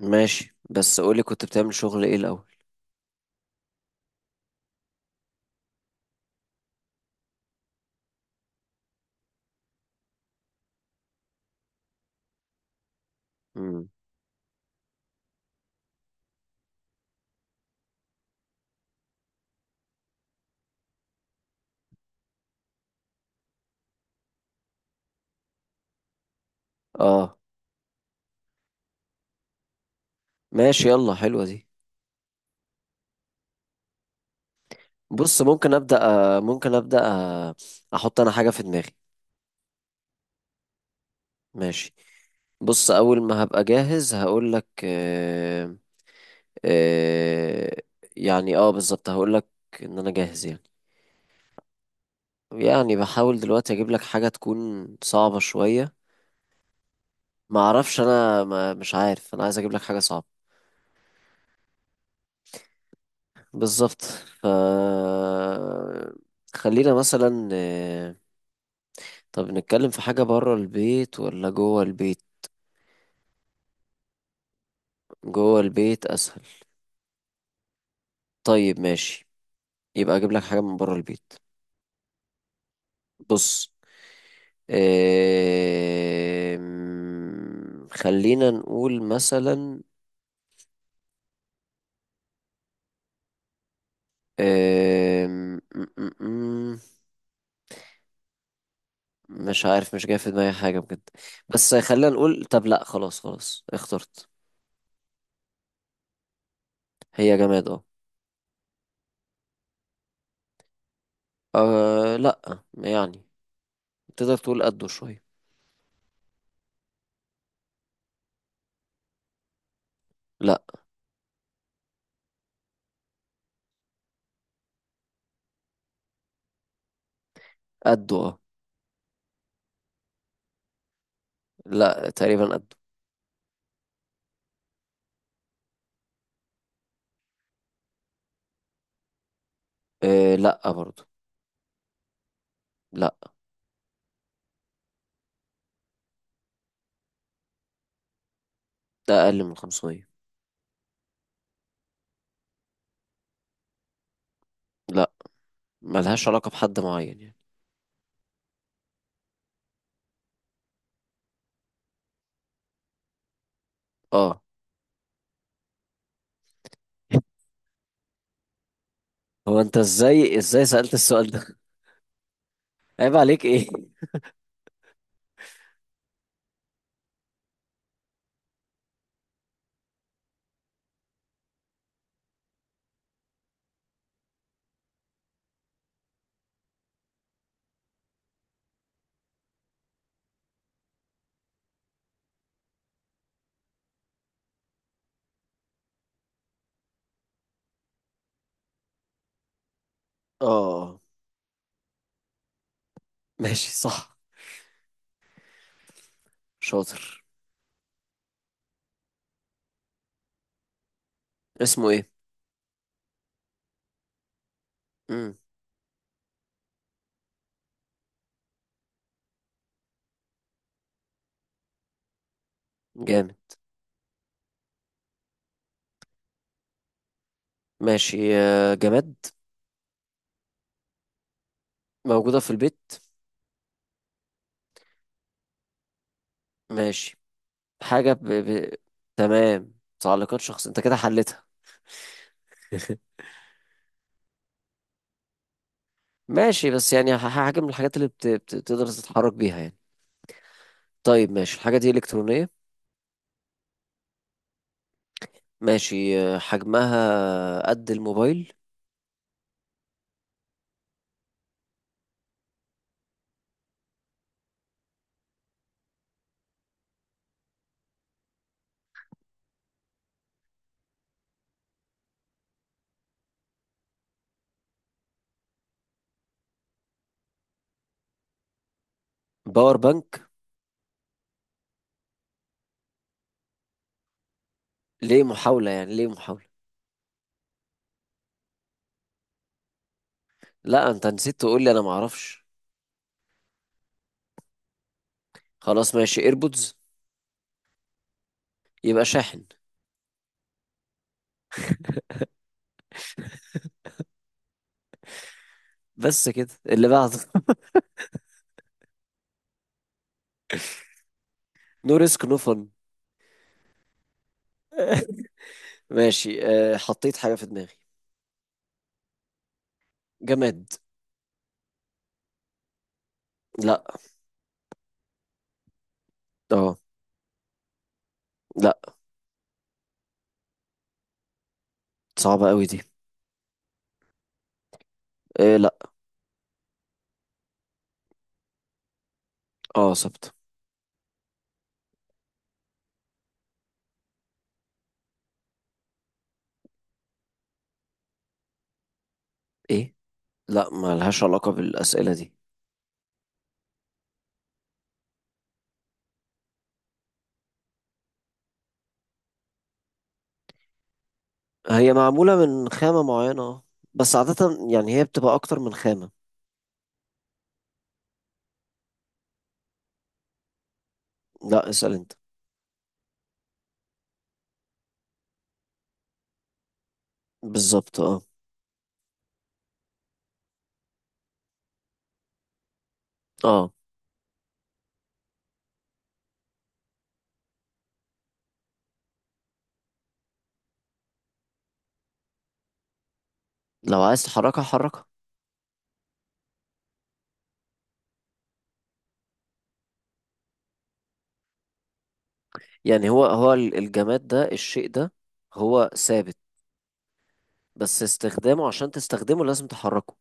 ماشي، بس قولي كنت بتعمل شغل ايه الاول؟ امم. اه. ماشي، يلا حلوة دي. بص ممكن ابدا. آه، ممكن ابدا آه، احط انا حاجة في دماغي. ماشي. بص اول ما هبقى جاهز هقول لك. آه يعني بالظبط هقول لك ان انا جاهز يعني. يعني بحاول دلوقتي اجيب لك حاجة تكون صعبة شوية. ما اعرفش، انا ما مش عارف، انا عايز اجيب لك حاجة صعبة. بالظبط. ف خلينا مثلا، طب نتكلم في حاجة برا البيت ولا جوه البيت؟ جوه البيت أسهل. طيب ماشي، يبقى أجيب لك حاجة من برا البيت. بص، خلينا نقول مثلا. آم، م- م- م- مش عارف مش جاي في دماغي حاجة بجد. بس خلينا نقول، طب لأ خلاص خلاص اخترت. هي جماد اه. آه، لأ يعني تقدر تقول قده شوية. لأ. قده اه. لأ تقريبا قده. آه، لأ برضه. لأ، ده اقل من 500. لا، ملهاش علاقة بحد معين يعني. اه. هو انت ازاي سألت السؤال ده؟ عيب عليك ايه؟ اه. ماشي صح. شاطر. اسمه ايه؟ امم. جامد. ماشي، آه، جماد. موجودة في البيت. ماشي، حاجة تمام، تعليقات شخص، انت كده حلتها. ماشي، بس يعني حاجة من الحاجات اللي تقدر تتحرك بيها يعني. طيب ماشي، الحاجة دي إلكترونية. ماشي، آه، حجمها قد الموبايل. باور بانك. ليه محاولة؟ لا انت نسيت تقول لي، انا معرفش. خلاص ماشي، ايربودز. يبقى شاحن. بس كده اللي بعده. نو ريسك نو فن. ماشي، حطيت حاجة في دماغي. جماد. لا. اه. لا. صعبة قوي دي. إيه، لا. اه صبت. ايه، لا ما لهاش علاقة بالأسئلة دي. هي معمولة من خامة معينة اه. بس عادة يعني هي بتبقى اكتر من خامة. لا اسأل انت. بالظبط اه. اه. لو عايز تحركها حركها. يعني هو الجماد ده، الشيء ده هو ثابت، بس استخدامه عشان تستخدمه لازم تحركه.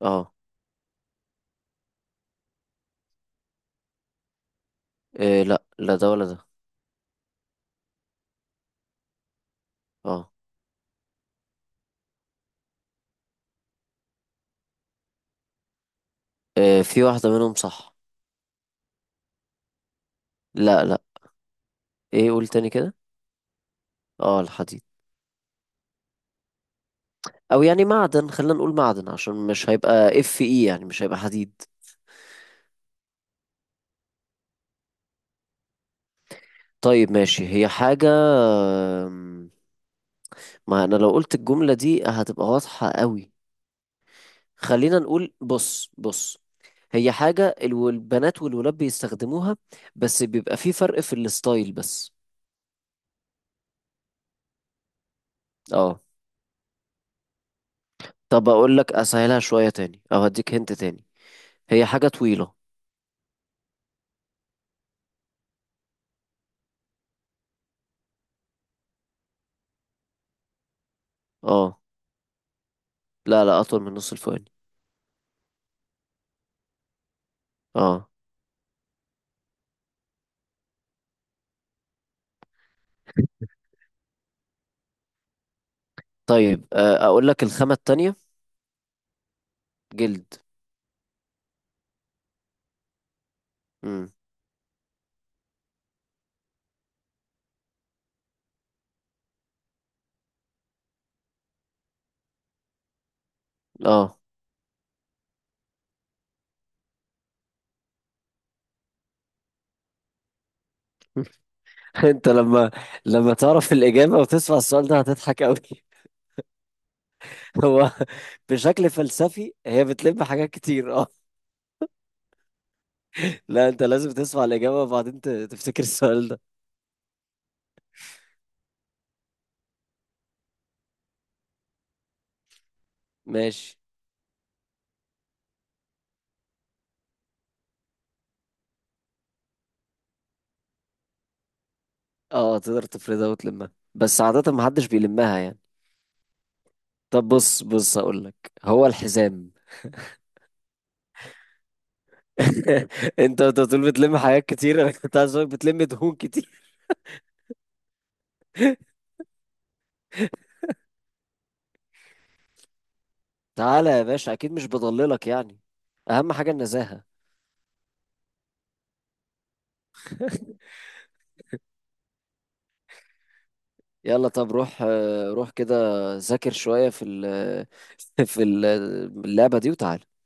اه. إيه، لا لا ده ولا ده. اه. إيه، في واحدة منهم صح. لا، لا. ايه، قول تاني كده. اه الحديد. او يعني معدن، خلينا نقول معدن عشان مش هيبقى اف اي، يعني مش هيبقى حديد. طيب ماشي، هي حاجة. أم، ما انا لو قلت الجملة دي هتبقى واضحة قوي. خلينا نقول بص بص، هي حاجة البنات والولاد بيستخدموها، بس بيبقى في فرق في الستايل بس. اه. طب اقول لك اسهلها شوية تاني او هديك هنت تاني. هي حاجة طويلة. اه لا لا، اطول من نص الفواني. اه. طيب آه، اقول لك الخامة التانية. جلد. امم. اه. انت لما لما تعرف الإجابة وتسمع السؤال ده هتضحك قوي. هو بشكل فلسفي هي بتلم حاجات كتير اه. لا، انت لازم تسمع الإجابة وبعدين تفتكر السؤال ده. ماشي. اه تقدر تفردها وتلمها، بس عادة محدش بيلمها يعني. طب بص بص، هقولك هو الحزام. انت بتقول بتلم حاجات كتير، انا كنت عايز اقولك بتلم دهون كتير. تعالى يا باشا، اكيد مش بضللك يعني، اهم حاجة النزاهة. يلا طب روح كده ذاكر شوية في ال في ال- اللعبة دي وتعالى